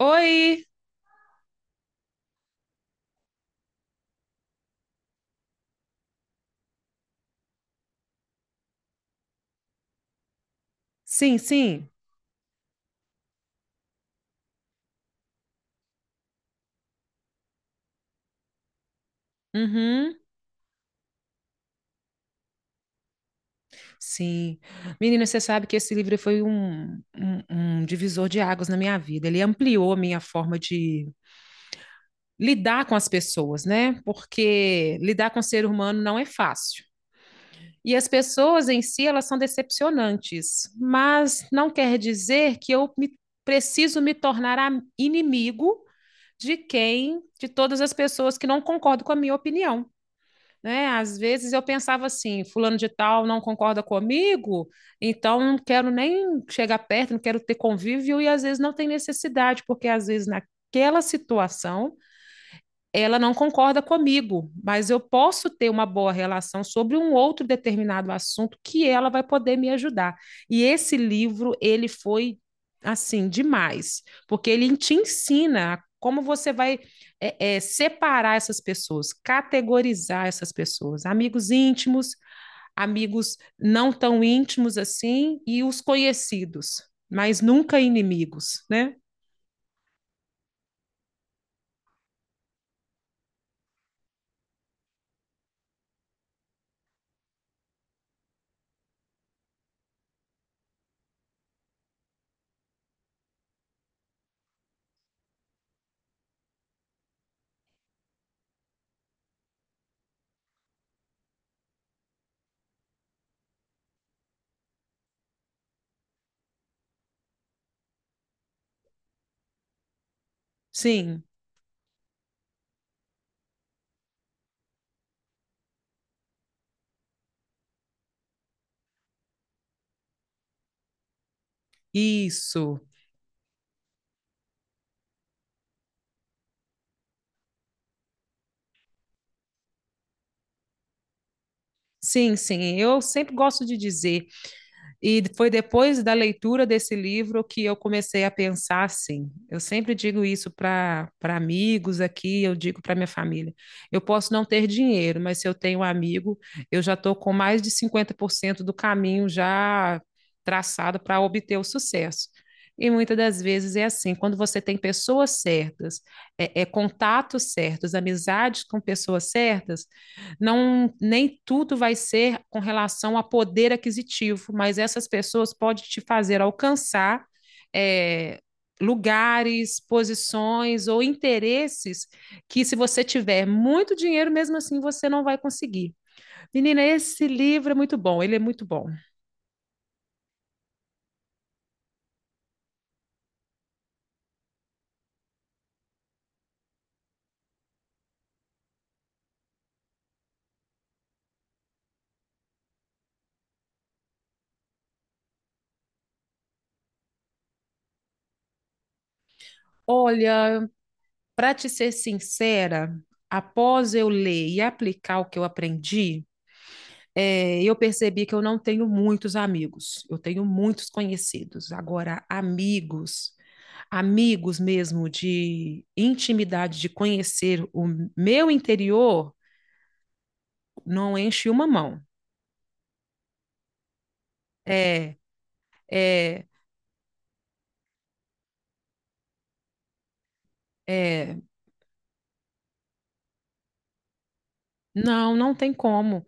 Oi! Sim, sim. Uhum. Sim. Menina, você sabe que esse livro foi um divisor de águas na minha vida. Ele ampliou a minha forma de lidar com as pessoas, né? Porque lidar com o ser humano não é fácil. E as pessoas em si, elas são decepcionantes, mas não quer dizer que preciso me tornar inimigo de todas as pessoas que não concordam com a minha opinião. Né? Às vezes eu pensava assim, fulano de tal não concorda comigo, então não quero nem chegar perto, não quero ter convívio, e às vezes não tem necessidade, porque às vezes naquela situação ela não concorda comigo, mas eu posso ter uma boa relação sobre um outro determinado assunto que ela vai poder me ajudar. E esse livro, ele foi assim demais, porque ele te ensina como você vai separar essas pessoas, categorizar essas pessoas, amigos íntimos, amigos não tão íntimos assim e os conhecidos, mas nunca inimigos, né? Sim, isso. Sim, sim, eu sempre gosto de dizer, e foi depois da leitura desse livro que eu comecei a pensar assim. Eu sempre digo isso para amigos aqui, eu digo para minha família. Eu posso não ter dinheiro, mas se eu tenho um amigo, eu já estou com mais de 50% do caminho já traçado para obter o sucesso. E muitas das vezes é assim, quando você tem pessoas certas, contatos certos, amizades com pessoas certas, não, nem tudo vai ser com relação a poder aquisitivo, mas essas pessoas podem te fazer alcançar é, lugares, posições ou interesses que, se você tiver muito dinheiro, mesmo assim você não vai conseguir. Menina, esse livro é muito bom, ele é muito bom. Olha, para te ser sincera, após eu ler e aplicar o que eu aprendi, eu percebi que eu não tenho muitos amigos, eu tenho muitos conhecidos. Agora, amigos, amigos mesmo de intimidade, de conhecer o meu interior, não enche uma mão. É, é, é, não, não tem como.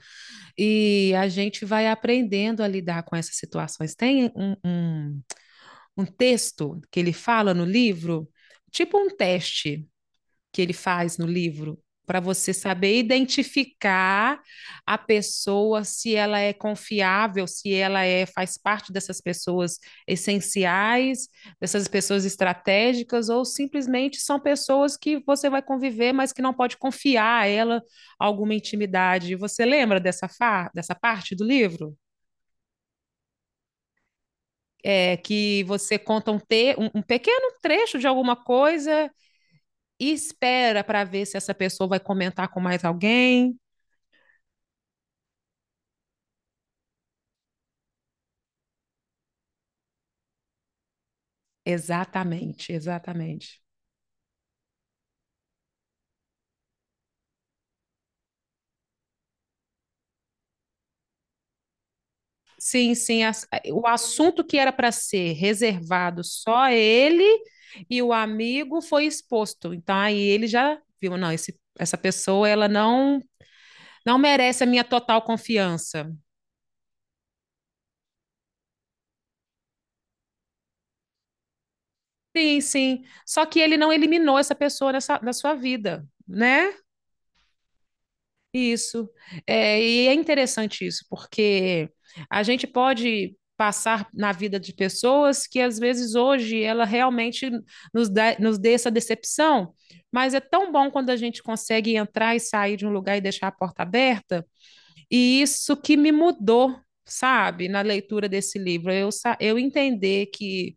E a gente vai aprendendo a lidar com essas situações. Tem um texto que ele fala no livro, tipo um teste que ele faz no livro para você saber identificar a pessoa, se ela é confiável, se ela é faz parte dessas pessoas essenciais, dessas pessoas estratégicas, ou simplesmente são pessoas que você vai conviver, mas que não pode confiar a ela alguma intimidade. Você lembra dessa, fa dessa parte do livro? É, que você conta um pequeno trecho de alguma coisa e espera para ver se essa pessoa vai comentar com mais alguém. Exatamente, exatamente. Sim, sim, o assunto que era para ser reservado só ele e o amigo foi exposto. Então aí ele já viu, não, essa pessoa ela não merece a minha total confiança. Sim, sim. Só que ele não eliminou essa pessoa da sua vida, né? Isso. É, e é interessante isso, porque a gente pode passar na vida de pessoas que às vezes hoje ela realmente nos dê essa decepção, mas é tão bom quando a gente consegue entrar e sair de um lugar e deixar a porta aberta, e isso que me mudou, sabe, na leitura desse livro, eu, eu entender que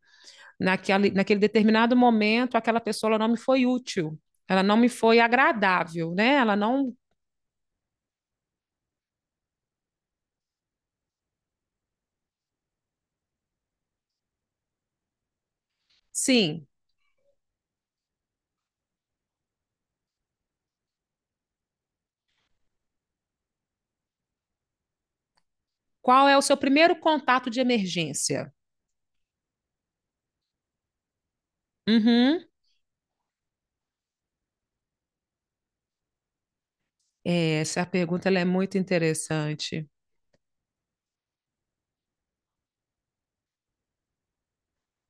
naquele determinado momento aquela pessoa ela não me foi útil, ela não me foi agradável, né? Ela não. Sim. Qual é o seu primeiro contato de emergência? Uhum. É, essa pergunta ela é muito interessante.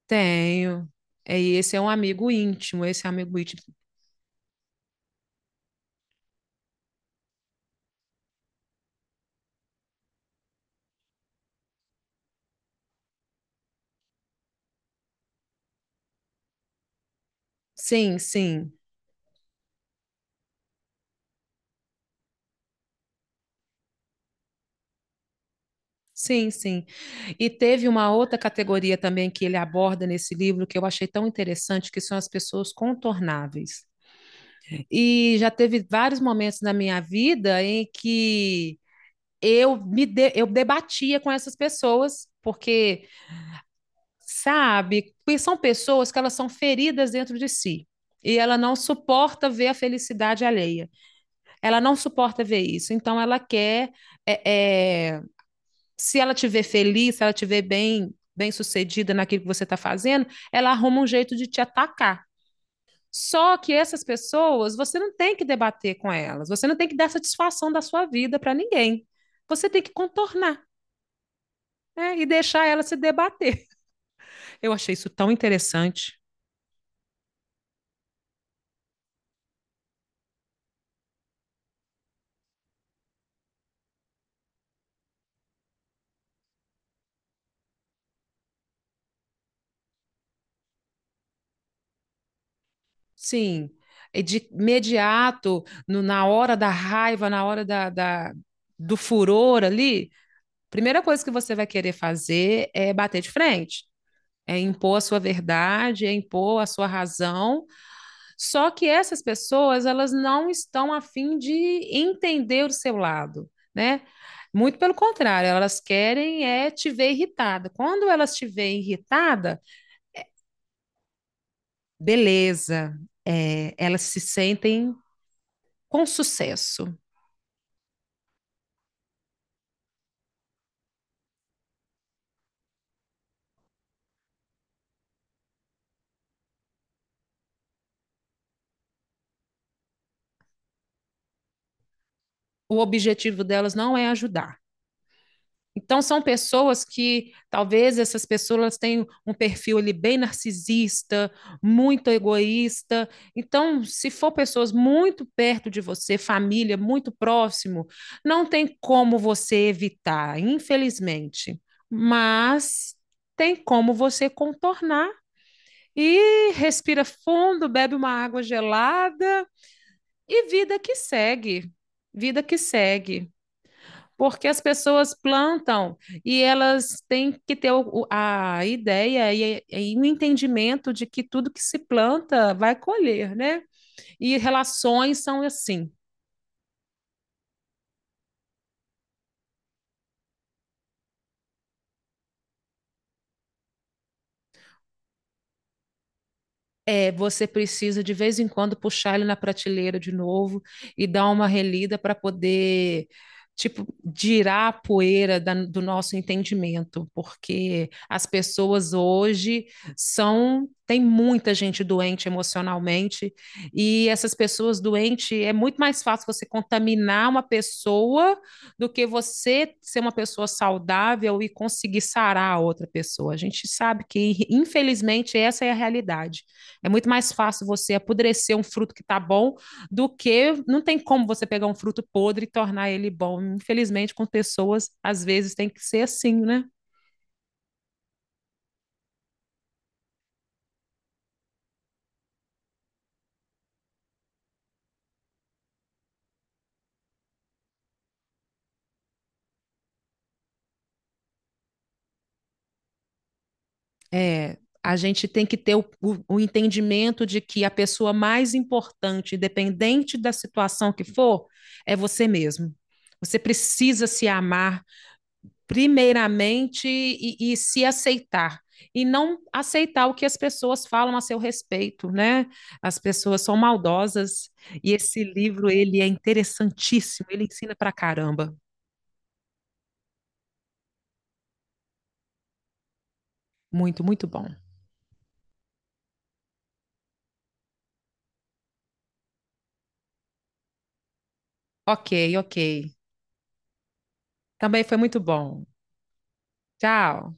Tenho. É, e esse é um amigo íntimo, esse é um amigo íntimo. Sim, sim. Sim, sim. E teve uma outra categoria também que ele aborda nesse livro que eu achei tão interessante, que são as pessoas contornáveis. E já teve vários momentos na minha vida em que eu debatia com essas pessoas, porque, sabe? Porque são pessoas que elas são feridas dentro de si. E ela não suporta ver a felicidade alheia. Ela não suporta ver isso. Então, ela quer. é, é, Se ela te ver feliz, se ela te ver bem, bem sucedida naquilo que você está fazendo, ela arruma um jeito de te atacar. Só que essas pessoas, você não tem que debater com elas. Você não tem que dar satisfação da sua vida para ninguém. Você tem que contornar, né? E deixar ela se debater. Eu achei isso tão interessante. Sim, é de imediato, na hora da raiva, na hora do furor ali, primeira coisa que você vai querer fazer é bater de frente, é impor a sua verdade, é impor a sua razão. Só que essas pessoas, elas não estão a fim de entender o seu lado, né? Muito pelo contrário, elas querem é te ver irritada. Quando elas te veem irritada, beleza, elas se sentem com sucesso. O objetivo delas não é ajudar. Então, são pessoas que talvez essas pessoas tenham um perfil ali bem narcisista, muito egoísta. Então, se for pessoas muito perto de você, família muito próximo, não tem como você evitar, infelizmente. Mas tem como você contornar e respira fundo, bebe uma água gelada e vida que segue, vida que segue. Porque as pessoas plantam e elas têm que ter a ideia e o entendimento de que tudo que se planta vai colher, né? E relações são assim. É, você precisa de vez em quando puxar ele na prateleira de novo e dar uma relida para poder, tipo, girar a poeira do nosso entendimento, porque as pessoas hoje são, tem muita gente doente emocionalmente, e essas pessoas doentes é muito mais fácil você contaminar uma pessoa do que você ser uma pessoa saudável e conseguir sarar a outra pessoa. A gente sabe que, infelizmente, essa é a realidade. É muito mais fácil você apodrecer um fruto que está bom do que, não tem como você pegar um fruto podre e tornar ele bom. Infelizmente, com pessoas, às vezes tem que ser assim, né? É, a gente tem que ter o entendimento de que a pessoa mais importante, independente da situação que for, é você mesmo. Você precisa se amar primeiramente e se aceitar. E não aceitar o que as pessoas falam a seu respeito, né? As pessoas são maldosas. E esse livro, ele é interessantíssimo. Ele ensina pra caramba. Muito, muito bom. Ok, ok. Também foi muito bom. Tchau.